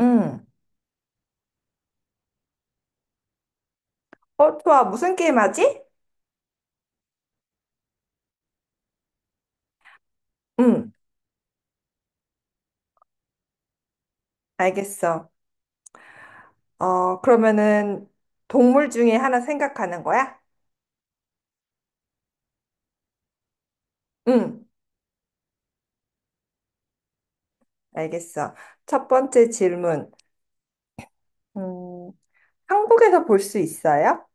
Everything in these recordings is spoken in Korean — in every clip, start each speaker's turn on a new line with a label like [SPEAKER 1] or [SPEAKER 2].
[SPEAKER 1] 응. 좋아. 무슨 게임 하지? 응, 알겠어. 그러면은 동물 중에 하나 생각하는 거야? 응, 알겠어. 첫 번째 질문. 음, 한국에서 볼 수 있어요?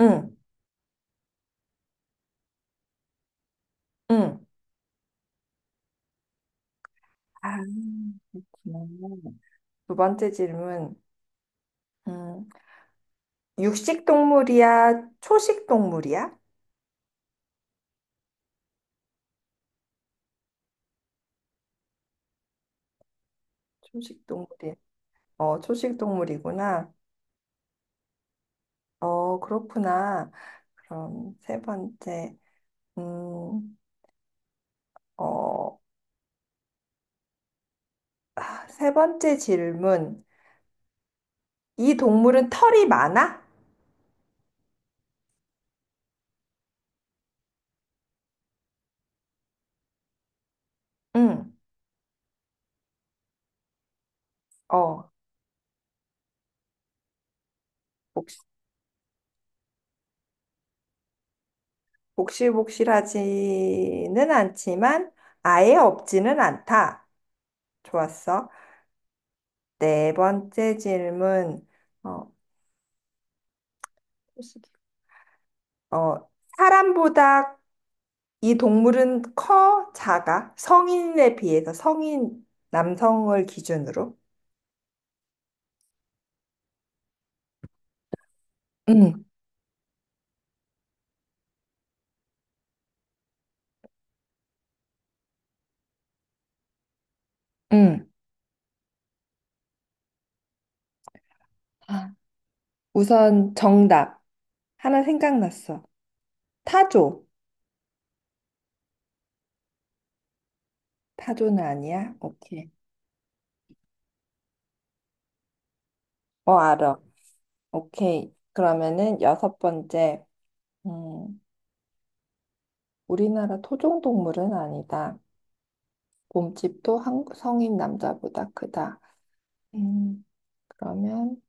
[SPEAKER 1] 응, 응. 아, 그렇구나. 두 번째 질문. 음, 육식 동물이야? 초식 동물이야? 초식 동물이야. 초식 동물이구나. 그렇구나. 그럼 세 번째. 음, 어, 세 번째 질문. 이 동물은 털이 많아? 응. 어, 복시- 복실복실하지는 않지만 아예 없지는 않다. 좋았어. 네 번째 질문. 어, 어, 사람보다 이 동물은 커? 작아? 성인에 비해서 성인 남성을 기준으로? 응, 응. 아, 우선 정답. 하나 생각났어. 타조. 타조는 아니야? 오케이. 어, 알아. 오케이. 그러면은 여섯 번째. 음, 우리나라 토종 동물은 아니다. 몸집도 한, 성인 남자보다 크다. 음, 그러면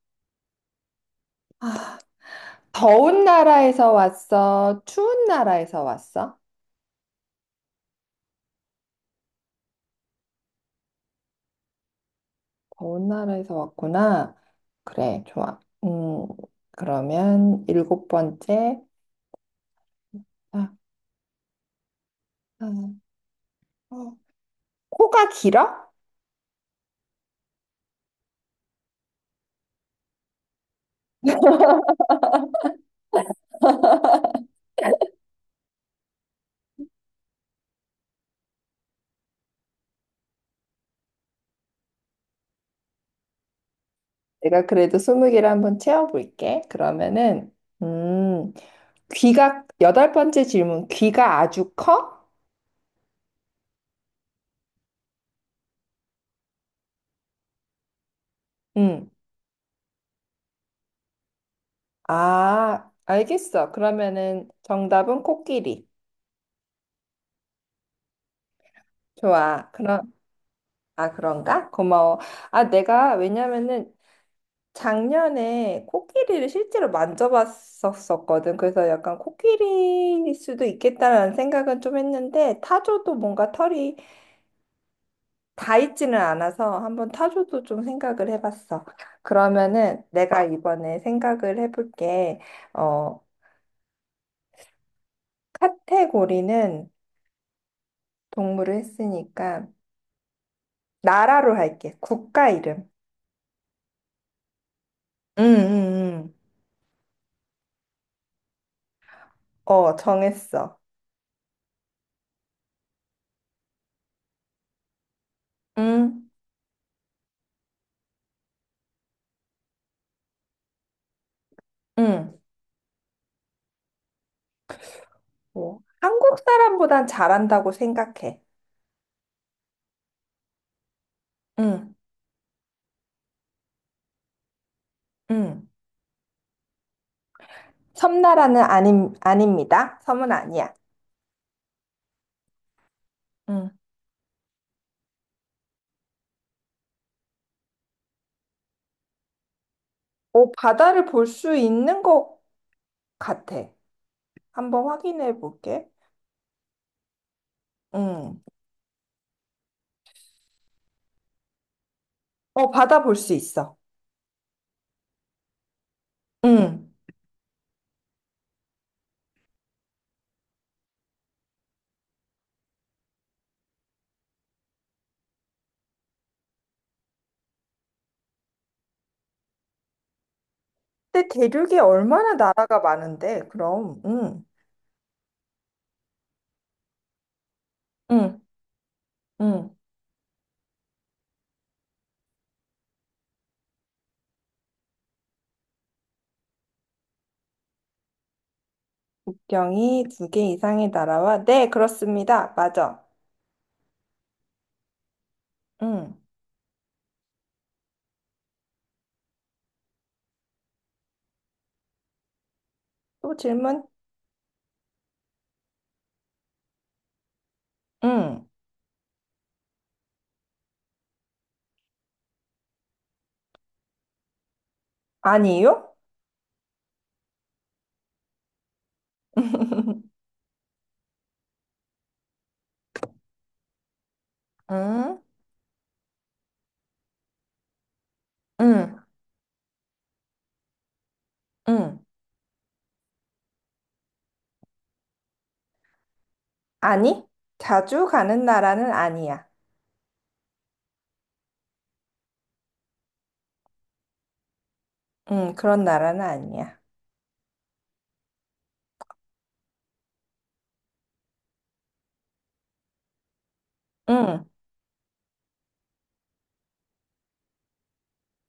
[SPEAKER 1] 더운 나라에서 왔어? 추운 나라에서 왔어? 더운 나라에서 왔구나. 그래, 좋아. 그러면 일곱 번째. 아, 아, 어. 코가 길어? 내가 그래도 20개를 한번 채워볼게. 그러면은, 음, 귀가, 여덟 번째 질문, 귀가 아주 커? 응. 아, 알겠어. 그러면은 정답은 코끼리. 좋아. 그럼, 아, 그런가? 고마워. 왜냐면은 작년에 코끼리를 실제로 만져봤었거든. 그래서 약간 코끼리일 수도 있겠다라는 생각은 좀 했는데, 타조도 뭔가 털이 다 있지는 않아서 한번 타조도 좀 생각을 해봤어. 그러면은 내가 이번에 생각을 해볼게. 어, 카테고리는 동물을 했으니까 나라로 할게. 국가 이름. 응, 응, 응. 정했어. 응, 응. 뭐, 한국 사람보단 잘한다고 생각해. 응, 응. 아닙니다. 섬은 아니야. 응. 바다를 볼 수 있는 것 같아. 한번 확인해 볼게. 응. 바다 볼 수 있어. 응. 근데 대륙이 얼마나 나라가 많은데, 그럼. 응. 응. 응. 국경이 두 개 이상의 나라와, 네, 그렇습니다. 맞아. 응. 또 질문? 응. 아니요? 응. 응. 응. 아니? 자주 가는 나라는 아니야. 응, 그런 나라는 아니야. 응.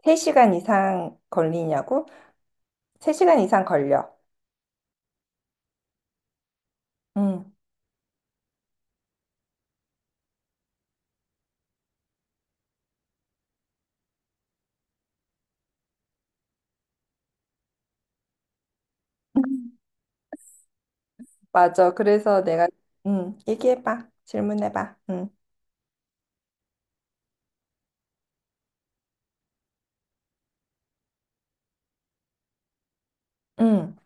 [SPEAKER 1] 세시간 이상 걸리냐고? 세시간 이상 걸려. 응. 맞아. 얘기해봐. 질문해봐. 음,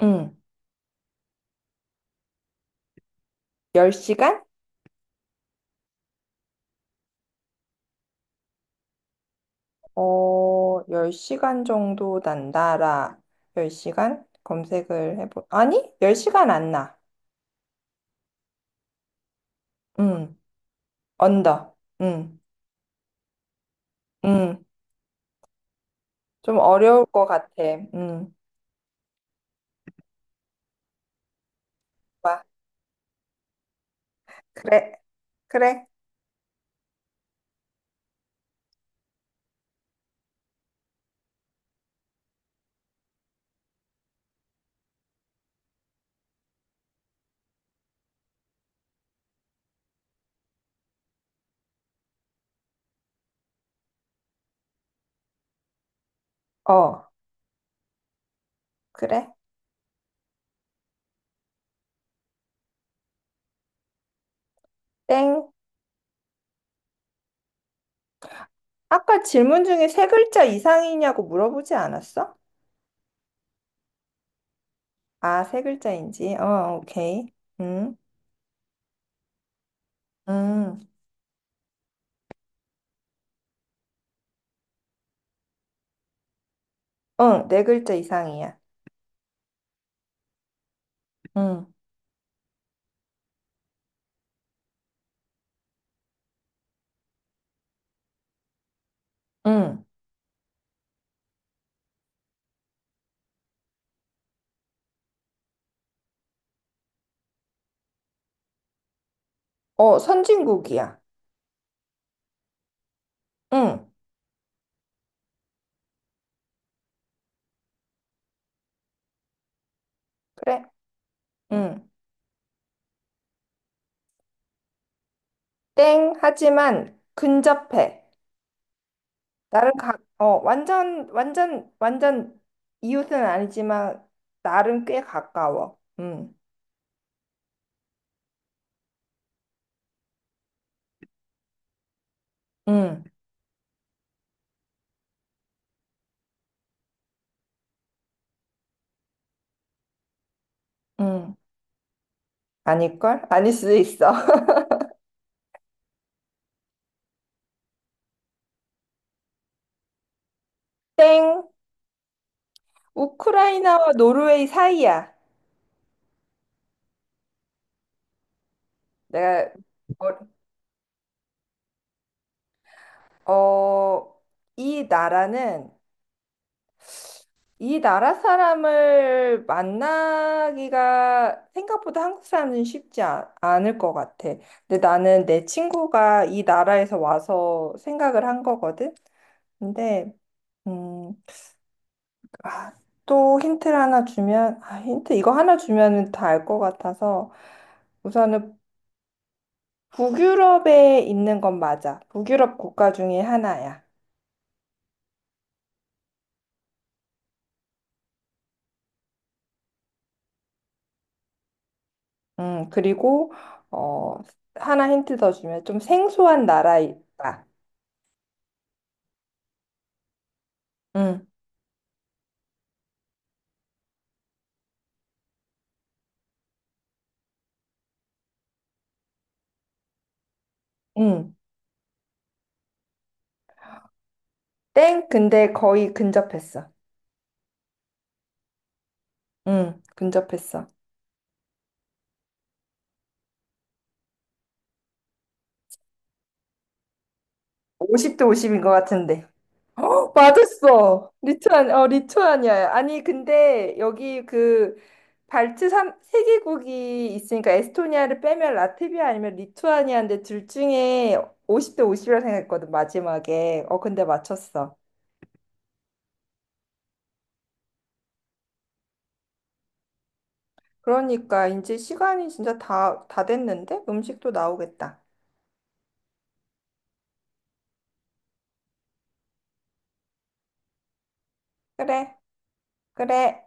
[SPEAKER 1] 음. 10시간? 10시간 정도 난다라. 10시간? 아니, 10시간 안 나. 음, 언더. 음, 음. 좀 어려울 것 같아. 음, 봐. 그래, 그래. 어, 그래. 땡. 아까 질문 중에 세 글자 이상이냐고 물어보지 않았어? 아, 세 글자인지. 오케이. 음. 음. 응, 네 글자 이상이야. 응, 응. 선진국이야. 응, 그래. 응. 땡, 하지만 근접해. 나름 가, 완전, 완전, 완전 이웃은 아니지만 나름 꽤 가까워. 응, 응, 응. 아닐걸? 아닐 수도 있어. 땡, 우크라이나와 노르웨이 사이야. 내가, 어, 어, 이 나라는 이 나라 사람을 만나기가 생각보다 한국 사람은 쉽지 않을 것 같아. 근데 나는 내 친구가 이 나라에서 와서 생각을 한 거거든. 근데 음, 아, 또 힌트를 하나 주면, 힌트 이거 하나 주면은 다 알 것 같아서 우선은 북유럽에 있는 건 맞아. 북유럽 국가 중에 하나야. 그리고 어, 하나 힌트 더 주면 좀 생소한 나라에 있다. 음. 음. 땡? 근데 거의 근접했어. 응, 근접했어. 50대 50인 것 같은데. 맞았어. 리투아니아야. 아니, 근데 여기 그 발트 삼세개국이 있으니까 에스토니아를 빼면 라트비아 아니면 리투아니아인데 둘 중에 50대 50이라 생각했거든, 마지막에. 근데 맞췄어. 그러니까 이제 시간이 진짜 다 됐는데? 음식도 나오겠다. 그래, 그래.